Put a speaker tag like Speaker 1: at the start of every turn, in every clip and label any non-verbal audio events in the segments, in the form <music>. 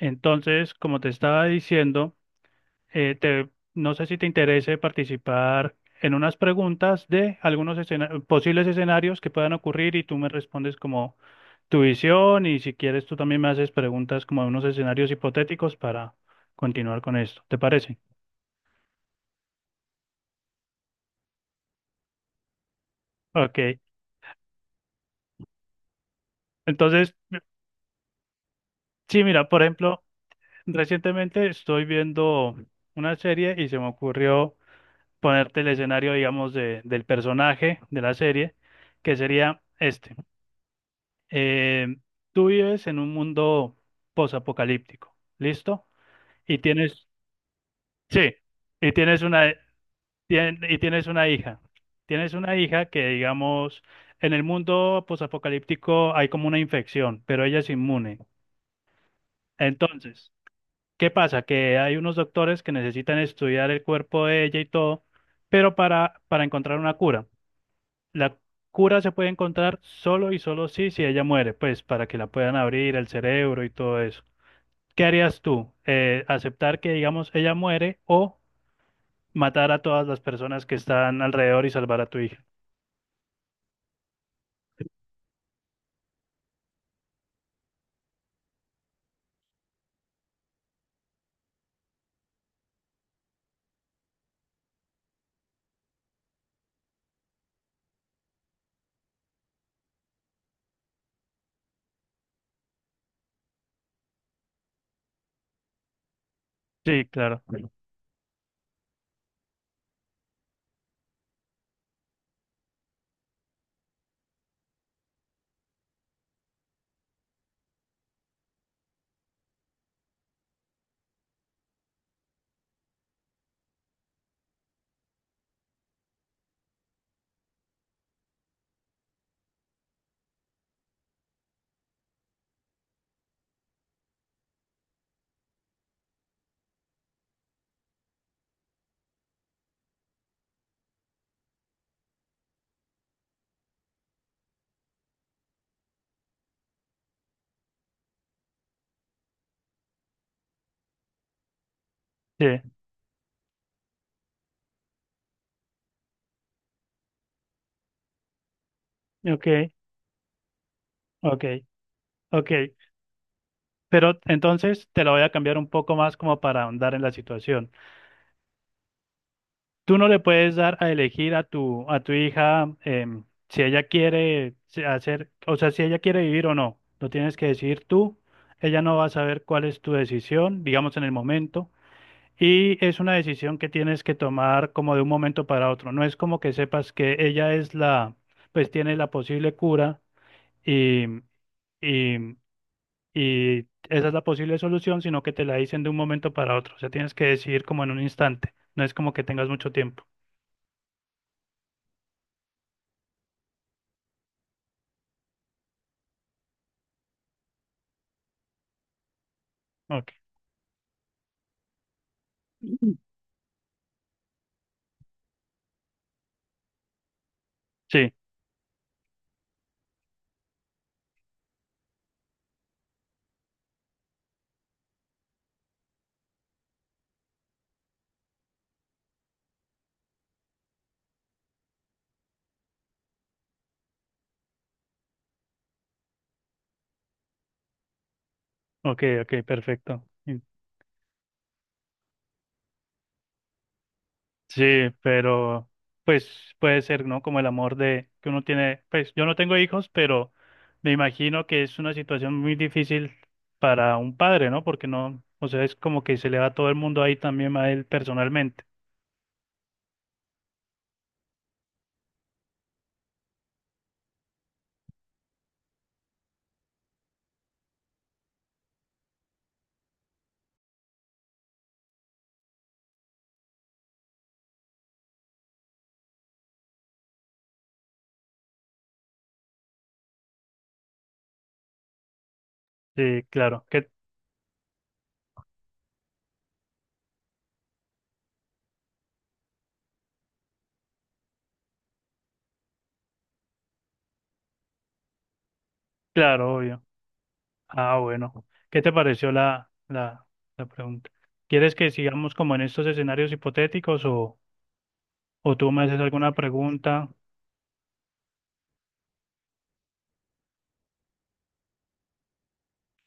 Speaker 1: Entonces, como te estaba diciendo, no sé si te interese participar en unas preguntas de algunos posibles escenarios que puedan ocurrir y tú me respondes como tu visión, y si quieres tú también me haces preguntas como de unos escenarios hipotéticos para continuar con esto. ¿Te parece? Ok. Entonces, sí, mira, por ejemplo, recientemente estoy viendo una serie y se me ocurrió ponerte el escenario, digamos, de, del personaje de la serie, que sería este. Eh, Tú vives en un mundo posapocalíptico, ¿listo? Y tienes, sí, y tienes una, y tienes una hija. Tienes una hija que, digamos, en el mundo posapocalíptico hay como una infección, pero ella es inmune. Entonces, ¿qué pasa? Que hay unos doctores que necesitan estudiar el cuerpo de ella y todo, pero para encontrar una cura. La cura se puede encontrar solo y solo sí si ella muere, pues para que la puedan abrir el cerebro y todo eso. ¿Qué harías tú? Aceptar que, digamos, ella muere, o matar a todas las personas que están alrededor y salvar a tu hija? Sí, claro. Sí, ok, ok, ok. Pero entonces te la voy a cambiar un poco más como para ahondar en la situación. Tú no le puedes dar a elegir a tu hija si ella quiere hacer, o sea, si ella quiere vivir o no. Lo tienes que decidir tú. Ella no va a saber cuál es tu decisión, digamos, en el momento. Y es una decisión que tienes que tomar como de un momento para otro. No es como que sepas que ella es la, pues tiene la posible cura y, y, y esa es la posible solución, sino que te la dicen de un momento para otro. O sea, tienes que decidir como en un instante. No es como que tengas mucho tiempo. Ok. Sí, ok, ok, perfecto. Sí, pero pues puede ser, ¿no? Como el amor de que uno tiene, pues yo no tengo hijos, pero me imagino que es una situación muy difícil para un padre, ¿no? Porque no, o sea, es como que se le va todo el mundo ahí también a él personalmente. Sí, claro, que claro, obvio. Ah, bueno. ¿Qué te pareció la la pregunta? ¿Quieres que sigamos como en estos escenarios hipotéticos, o tú me haces alguna pregunta?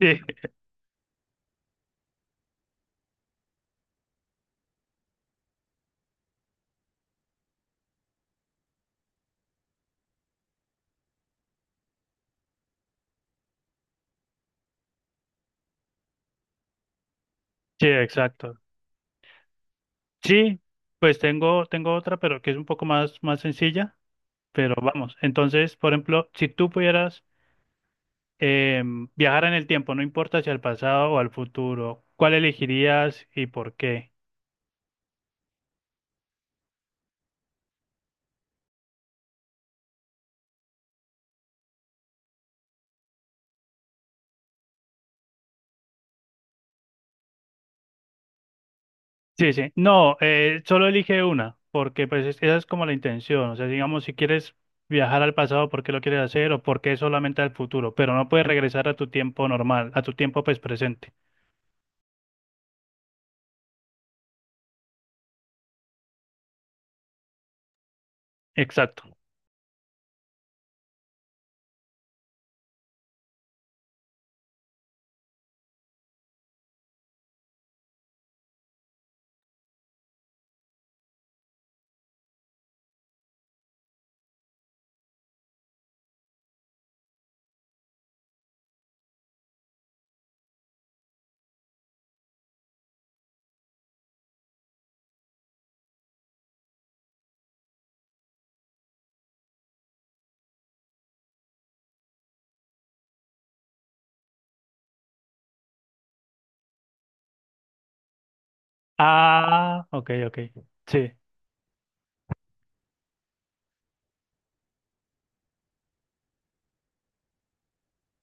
Speaker 1: Sí, <laughs> sí, exacto. Sí, pues tengo, tengo otra, pero que es un poco más, más sencilla, pero vamos. Entonces, por ejemplo, si tú pudieras viajar en el tiempo, no importa si al pasado o al futuro, ¿cuál elegirías y por qué? Sí, sí. No, solo elige una, porque pues esa es como la intención. O sea, digamos, si quieres viajar al pasado, ¿por qué lo quieres hacer, o por qué solamente al futuro? Pero no puedes regresar a tu tiempo normal, a tu tiempo pues presente. Exacto. Ah, ok, ok. Sí,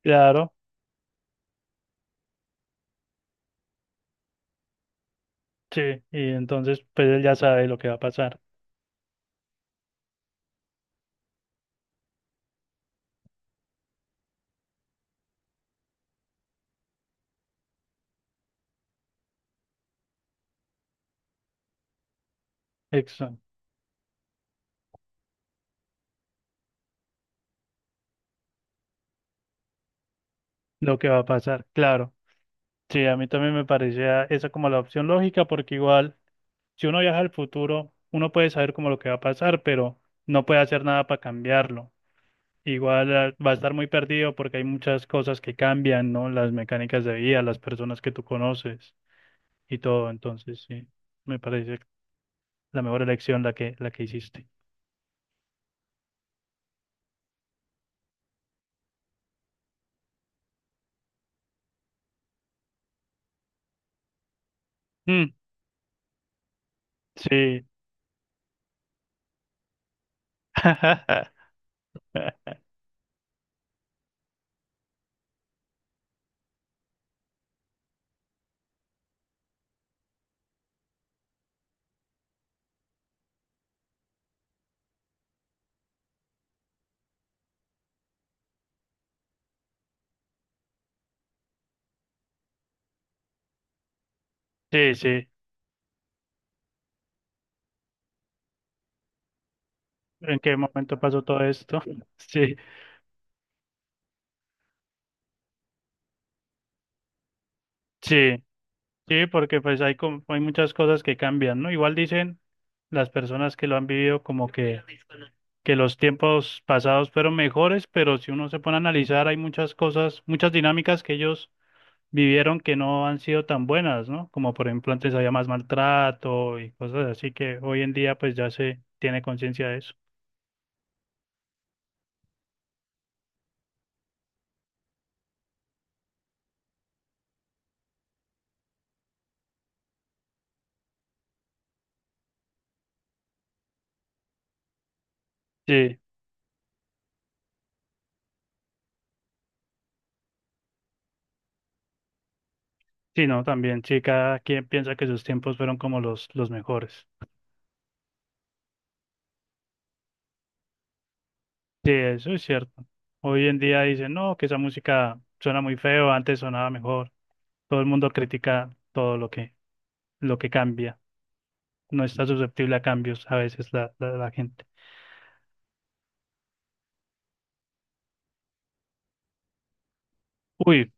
Speaker 1: claro. Sí, y entonces pues él ya sabe lo que va a pasar. Exacto, lo que va a pasar, claro. Sí, a mí también me parecía esa como la opción lógica porque igual si uno viaja al futuro, uno puede saber como lo que va a pasar, pero no puede hacer nada para cambiarlo. Igual va a estar muy perdido porque hay muchas cosas que cambian, ¿no? Las mecánicas de vida, las personas que tú conoces y todo. Entonces, sí, me parece la mejor elección la que hiciste. Mm, sí. <laughs> Sí, sí. ¿En qué momento pasó todo esto? <laughs> Sí, sí, sí, porque pues hay, hay muchas cosas que cambian, ¿no? Igual dicen las personas que lo han vivido como que los tiempos pasados fueron mejores, pero si uno se pone a analizar, hay muchas cosas, muchas dinámicas que ellos vivieron que no han sido tan buenas, ¿no? Como por ejemplo antes había más maltrato y cosas así que hoy en día pues ya se tiene conciencia de eso. Sí, sí, no, también, sí, cada quien piensa que sus tiempos fueron como los mejores. Sí, eso es cierto. Hoy en día dicen, no, que esa música suena muy feo, antes sonaba mejor. Todo el mundo critica todo lo que cambia. No está susceptible a cambios a veces la gente. Uy,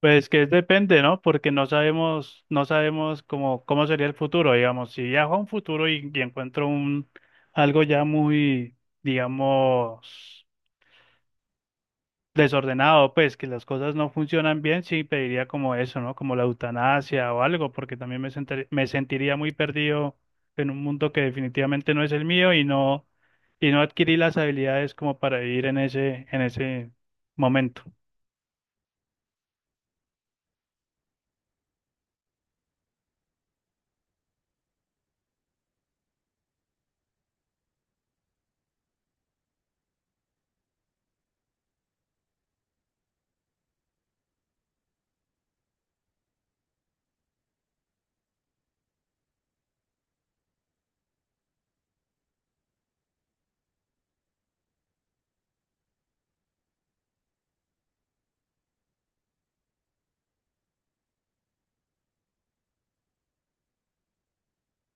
Speaker 1: pues que depende, ¿no? Porque no sabemos, no sabemos cómo, cómo sería el futuro, digamos. Si viajo a un futuro y encuentro un, algo ya muy, digamos, desordenado, pues que las cosas no funcionan bien, sí pediría como eso, ¿no? Como la eutanasia o algo, porque también me me sentiría muy perdido en un mundo que definitivamente no es el mío y no adquirí las habilidades como para vivir en ese momento.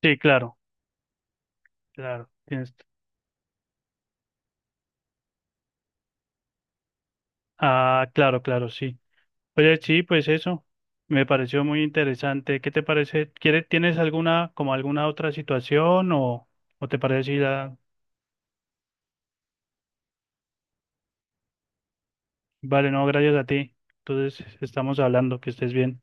Speaker 1: Sí, claro, claro. Tienes- ah, claro, claro, sí. Oye, sí, pues eso. Me pareció muy interesante. ¿Qué te parece? ¿Quieres, tienes alguna como alguna otra situación, o te parece si la Vale, no, gracias a ti. Entonces, estamos hablando, que estés bien.